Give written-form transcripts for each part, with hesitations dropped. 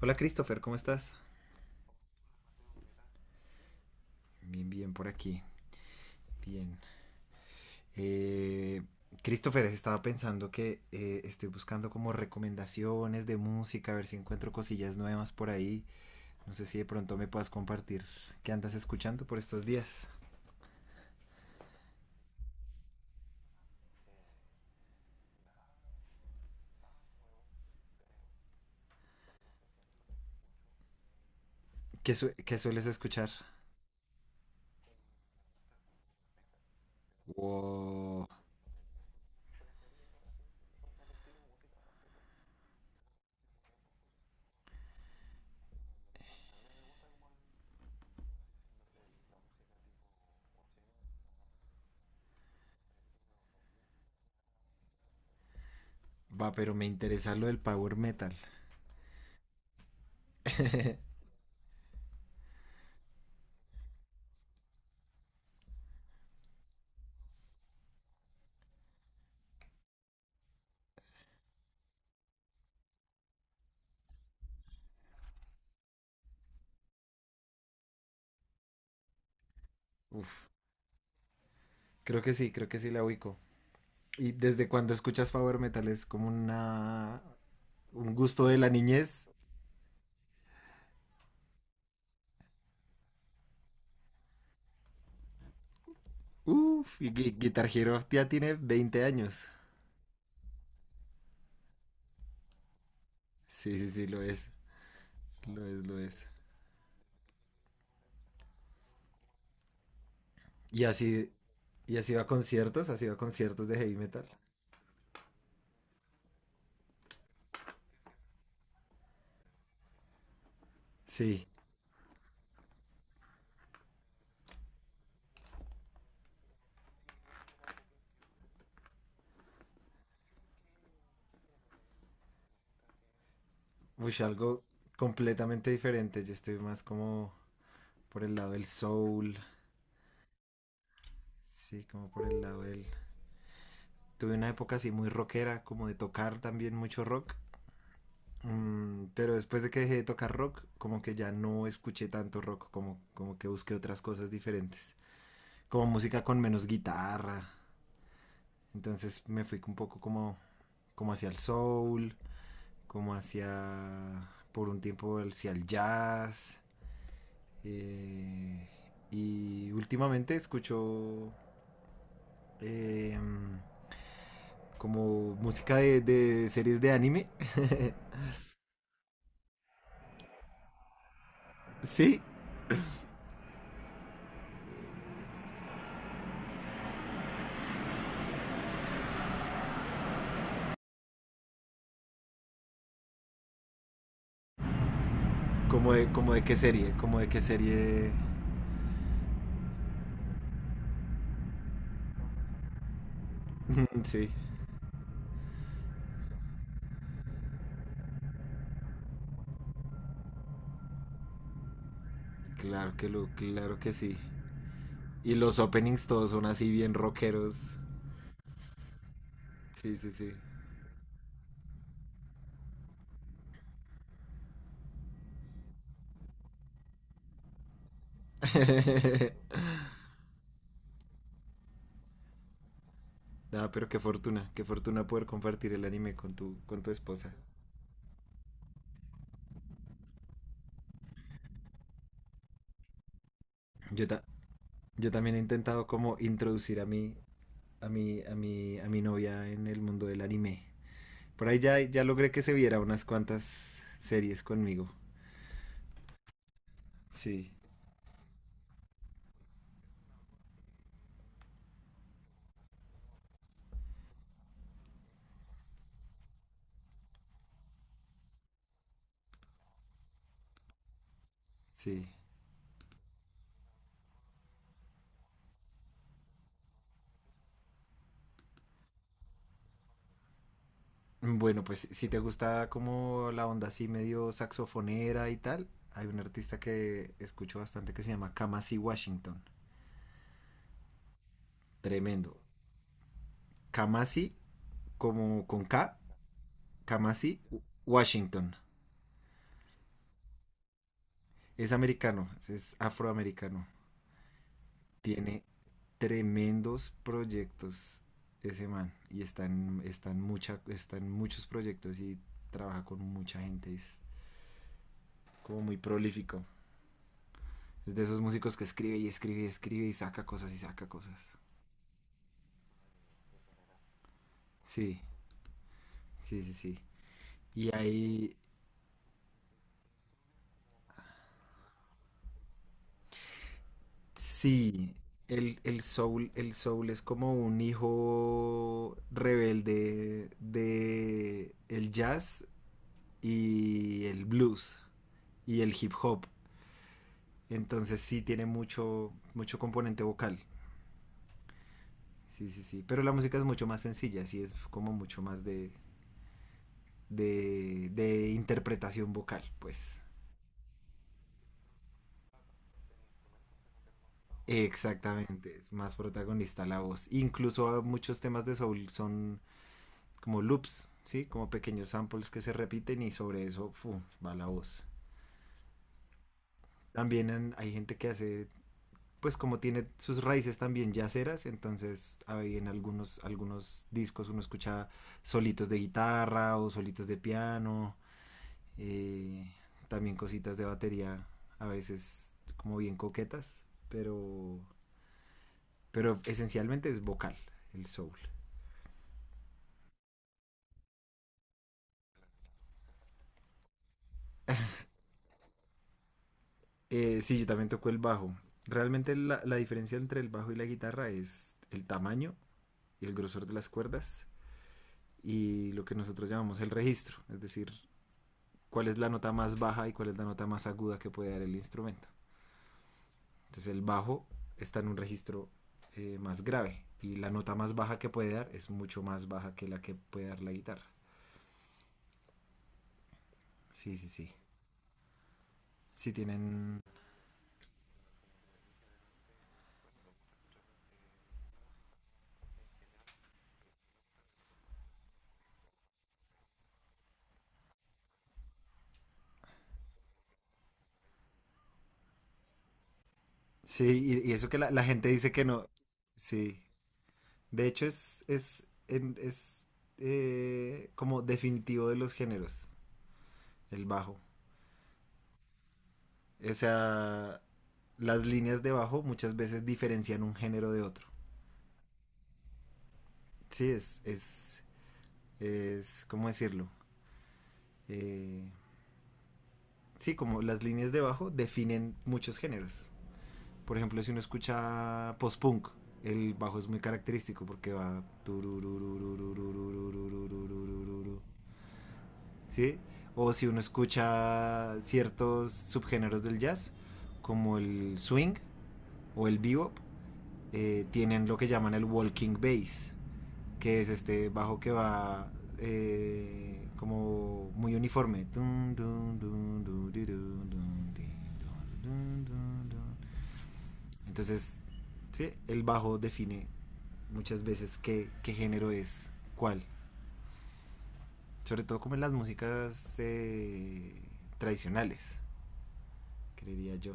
Hola Christopher, ¿cómo estás? Bien, bien, por aquí. Bien. Eh, Christopher, estaba pensando que estoy buscando como recomendaciones de música, a ver si encuentro cosillas nuevas por ahí. No sé si de pronto me puedas compartir qué andas escuchando por estos días. ¿ qué sueles escuchar? Wow. Va, pero me interesa lo del power metal. Uf, creo que sí la ubico. ¿Y desde cuando escuchas power metal? ¿Es como una, un gusto de la niñez? Uf, y Guitar Hero ya tiene 20 años. Sí, sí, sí, lo es. Lo es, lo es. Y así, y así va a conciertos, así va a conciertos de heavy metal. Sí, uy, algo completamente diferente. Yo estoy más como por el lado del soul. Sí, como por el lado del. Tuve una época así muy rockera, como de tocar también mucho rock. Mm, pero después de que dejé de tocar rock, como que ya no escuché tanto rock, como, como que busqué otras cosas diferentes. Como música con menos guitarra, entonces me fui un poco como, como hacia el soul, como hacia, por un tiempo, hacia el jazz. eh, y últimamente escucho eh, como música de series de anime. Sí, como de qué serie, como de qué serie. Sí, claro que lo, claro que sí. Y los openings todos son así bien rockeros. Sí, sí, sí. Ah, pero qué fortuna poder compartir el anime con tu esposa. Yo, ta- yo también he intentado como introducir a mi, a mi, a mi, a mi novia en el mundo del anime. Por ahí ya, ya logré que se viera unas cuantas series conmigo. Sí, sí. Bueno, pues si te gusta como la onda así medio saxofonera y tal, hay un artista que escucho bastante que se llama Kamasi Washington. Tremendo. Kamasi como con K, Kamasi Washington. Es americano, es afroamericano. Tiene tremendos proyectos ese man. Y está en, está en mucha, está en muchos proyectos y trabaja con mucha gente. Es como muy prolífico. Es de esos músicos que escribe y escribe y escribe y saca cosas y saca cosas. Sí, sí, sí, sí. Y ahí, sí, el soul es como un hijo rebelde de el jazz y el blues y el hip hop. Entonces sí tiene mucho, mucho componente vocal. Sí, sí, sí. Pero la música es mucho más sencilla, sí es como mucho más de, de interpretación vocal, pues. Exactamente, es más protagonista la voz. Incluso muchos temas de soul son como loops, ¿sí? Como pequeños samples que se repiten y sobre eso va la voz. Hay gente que hace pues como tiene sus raíces también yaceras, entonces hay en algunos, algunos discos uno escucha solitos de guitarra o solitos de piano, eh, también cositas de batería a veces como bien coquetas, pero, pero esencialmente es vocal el soul. Sí, yo también toco el bajo. Realmente la, la diferencia entre el bajo y la guitarra es el tamaño y el grosor de las cuerdas y lo que nosotros llamamos el registro, es decir, cuál es la nota más baja y cuál es la nota más aguda que puede dar el instrumento. Entonces el bajo está en un registro más grave y la nota más baja que puede dar es mucho más baja que la que puede dar la guitarra. Sí, sí, sí. Sí tienen... Sí, y eso que la gente dice que no. Sí. De hecho es, es como definitivo de los géneros, el bajo. O sea, las líneas de bajo muchas veces diferencian un género de otro. Sí, es, ¿cómo decirlo? Eh, sí, como las líneas de bajo definen muchos géneros. Por ejemplo, si uno escucha post-punk, el bajo es muy característico porque va... ¿Sí? O si uno escucha ciertos subgéneros del jazz, como el swing o el bebop, tienen lo que llaman el walking bass que es este bajo que va como muy uniforme. Entonces, ¿sí? El bajo define muchas veces qué, qué género es cuál. Sobre todo como en las músicas tradicionales, creería yo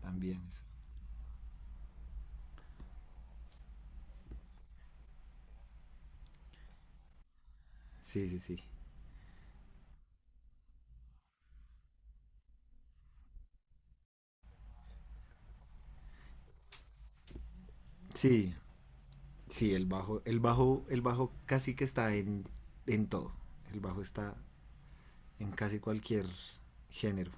también eso. Sí, sí, sí. Sí, sí, el bajo, el bajo, el bajo casi que está en todo. El bajo está en casi cualquier género.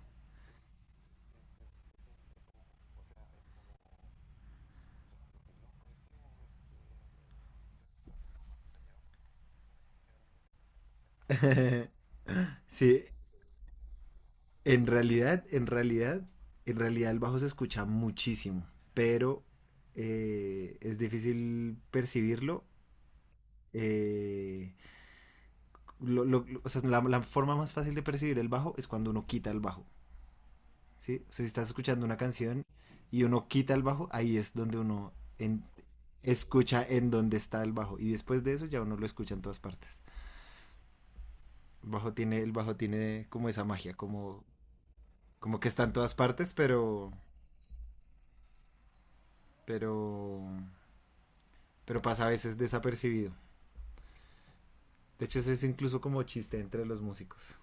Sí, en realidad, en realidad, en realidad el bajo se escucha muchísimo, pero es difícil percibirlo. eh, o sea, la forma más fácil de percibir el bajo es cuando uno quita el bajo, ¿sí? O sea, si estás escuchando una canción y uno quita el bajo, ahí es donde uno en- escucha en dónde está el bajo y después de eso ya uno lo escucha en todas partes. El bajo tiene como esa magia, como como que está en todas partes, pero, pero pasa a veces desapercibido. De hecho, eso es incluso como chiste entre los músicos.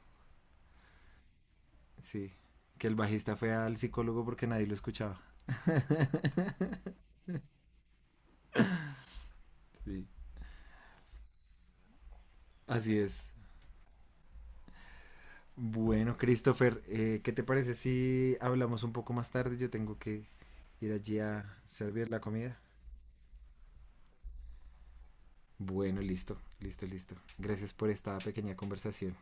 Sí, que el bajista fue al psicólogo porque nadie lo escuchaba. Sí, así es. Bueno, Christopher, ¿qué te parece si hablamos un poco más tarde? Yo tengo que ir allí a servir la comida. Bueno, listo, listo, listo. Gracias por esta pequeña conversación.